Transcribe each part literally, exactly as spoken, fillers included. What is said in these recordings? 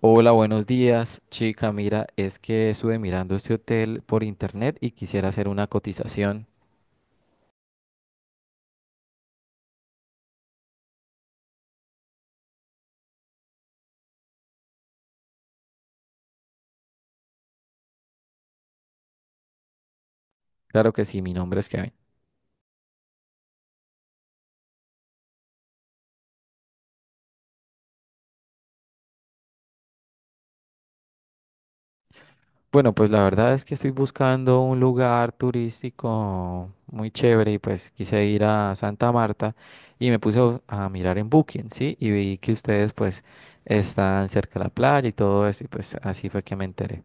Hola, buenos días, chica. Mira, es que estuve mirando este hotel por internet y quisiera hacer una cotización. Claro que sí, mi nombre es Kevin. Bueno, pues la verdad es que estoy buscando un lugar turístico muy chévere y pues quise ir a Santa Marta y me puse a a mirar en Booking, ¿sí? Y vi que ustedes pues están cerca de la playa y todo eso y pues así fue que me enteré.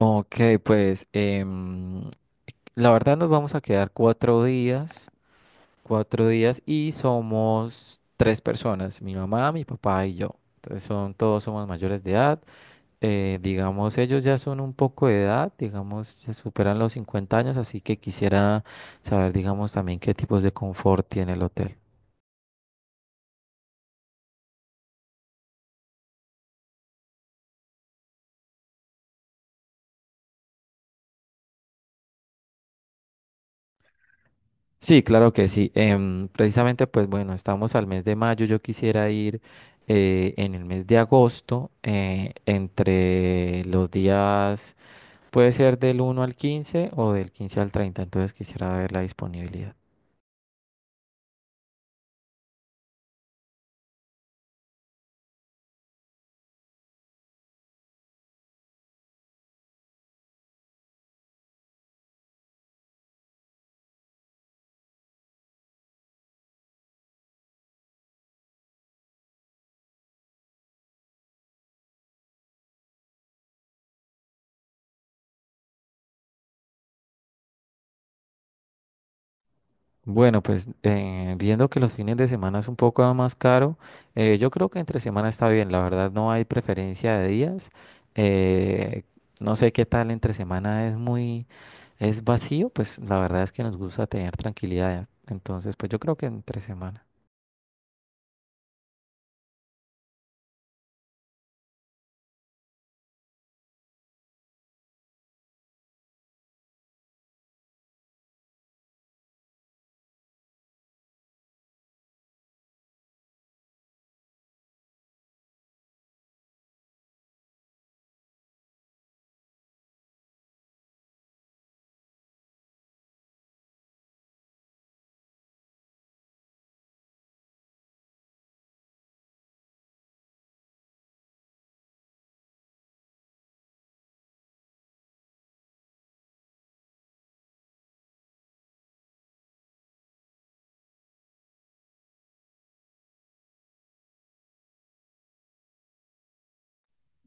Ok, pues em, la verdad nos vamos a quedar cuatro días, cuatro días, y somos tres personas: mi mamá, mi papá y yo. Entonces son, todos somos mayores de edad. Eh, digamos, ellos ya son un poco de edad, digamos, ya superan los cincuenta años, así que quisiera saber, digamos, también qué tipos de confort tiene el hotel. Sí, claro que sí. Em, precisamente, pues bueno, estamos al mes de mayo. Yo quisiera ir eh, en el mes de agosto, eh, entre los días puede ser del uno al quince o del quince al treinta. Entonces quisiera ver la disponibilidad. Bueno, pues eh, viendo que los fines de semana es un poco más caro, eh, yo creo que entre semana está bien, la verdad no hay preferencia de días. eh, no sé, qué tal entre semana es muy, es vacío, pues la verdad es que nos gusta tener tranquilidad, entonces pues yo creo que entre semana.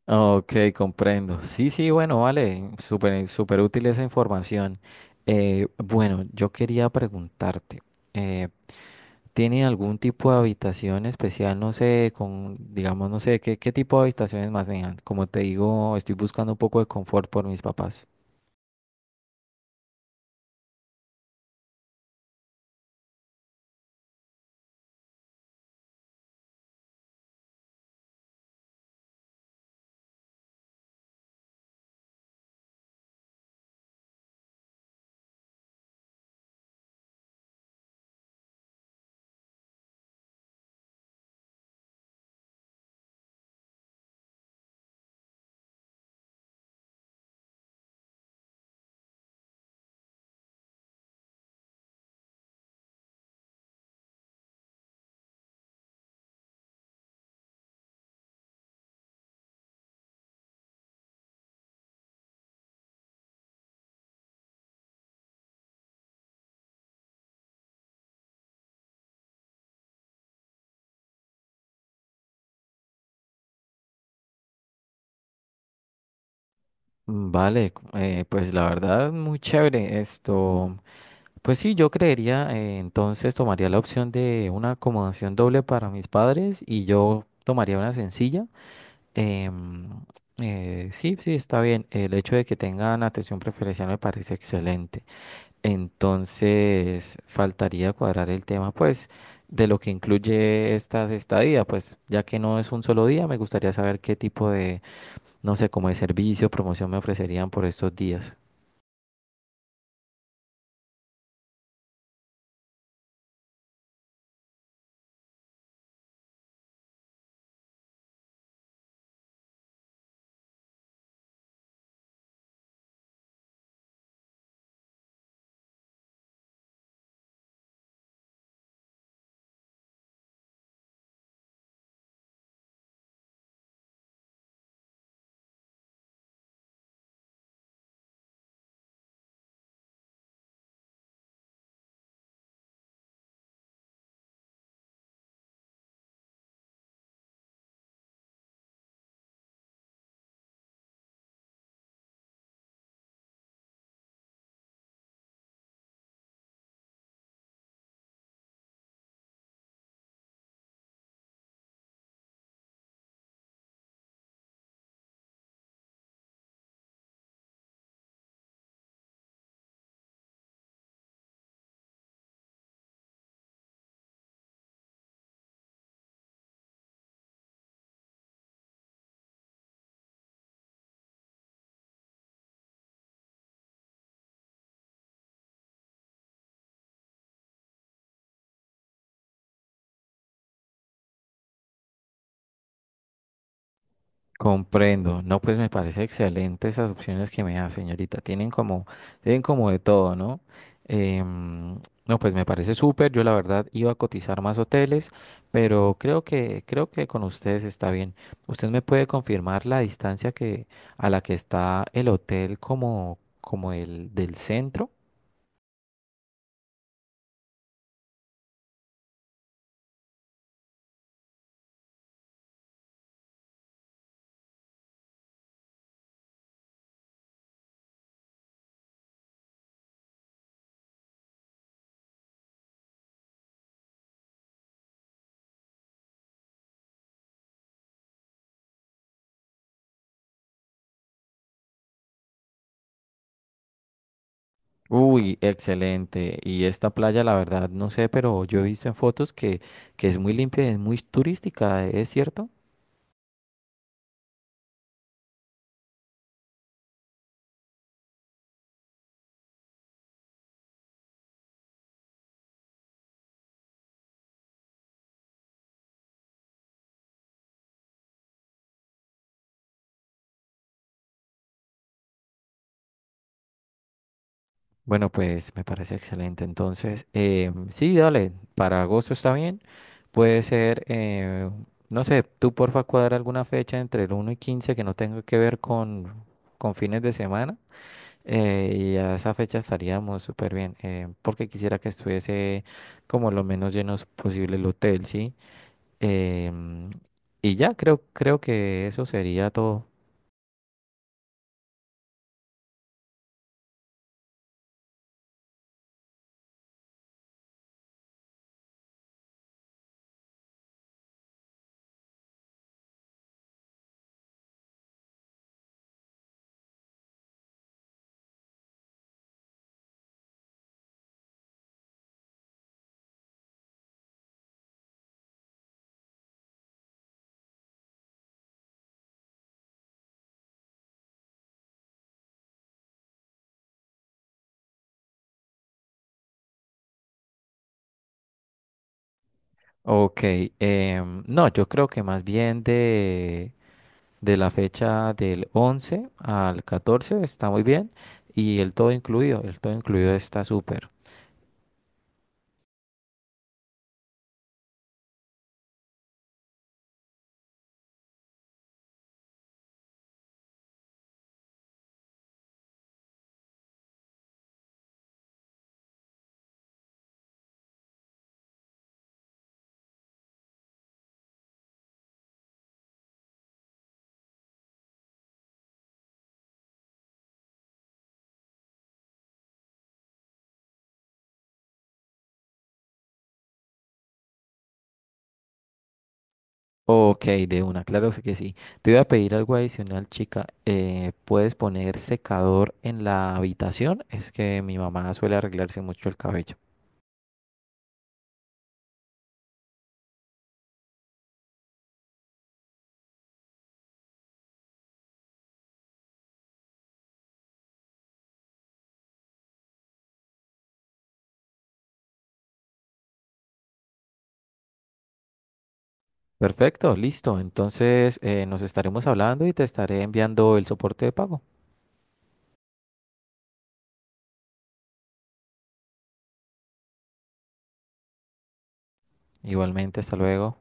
Ok, comprendo. Sí, sí, bueno, vale, súper, súper útil esa información. Eh, bueno, yo quería preguntarte, eh, ¿tienen algún tipo de habitación especial? No sé, con, digamos, no sé, ¿qué, qué tipo de habitaciones más manejan? Como te digo, estoy buscando un poco de confort por mis papás. Mm, vale, eh, pues la verdad, muy chévere esto. Pues sí, yo creería, eh, entonces tomaría la opción de una acomodación doble para mis padres y yo tomaría una sencilla. Em, eh, sí, sí, está bien. El hecho de que tengan atención preferencial me parece excelente. Entonces, faltaría cuadrar el tema, pues, de lo que incluye esta estadía, pues, ya que no es un solo día, me gustaría saber qué tipo de, no sé, como de servicio, promoción me ofrecerían por estos días. Comprendo. No, pues me parece excelente esas opciones que me da, señorita. Tienen como, tienen como de todo, ¿no? Em, no, pues me parece súper. Yo la verdad iba a cotizar más hoteles, pero creo que, creo que con ustedes está bien. ¿Usted me puede confirmar la distancia que, a la que está el hotel como, como el del centro? Uy, excelente. Y esta playa, la verdad, no sé, pero yo he visto en fotos que, que es muy limpia y es muy turística, ¿es cierto? Bueno, pues me parece excelente. Entonces, eh, sí, dale, para agosto está bien. Puede ser, eh, no sé, tú porfa cuadra alguna fecha entre el uno y quince que no tenga que ver con, con fines de semana. Eh, y a esa fecha estaríamos súper bien, eh, porque quisiera que estuviese como lo menos llenos posible el hotel, ¿sí? Em, y ya, creo, creo que eso sería todo. Ok, em, no, yo creo que más bien de... de la fecha del once al catorce está muy bien. Y el todo incluido, el todo incluido está súper. Ok, de una, claro que sí. Te voy a pedir algo adicional, chica. Eh, ¿puedes poner secador en la habitación? Es que mi mamá suele arreglarse mucho el cabello. Perfecto, listo. Entonces eh, nos estaremos hablando y te estaré enviando el soporte de pago. Igualmente, hasta luego.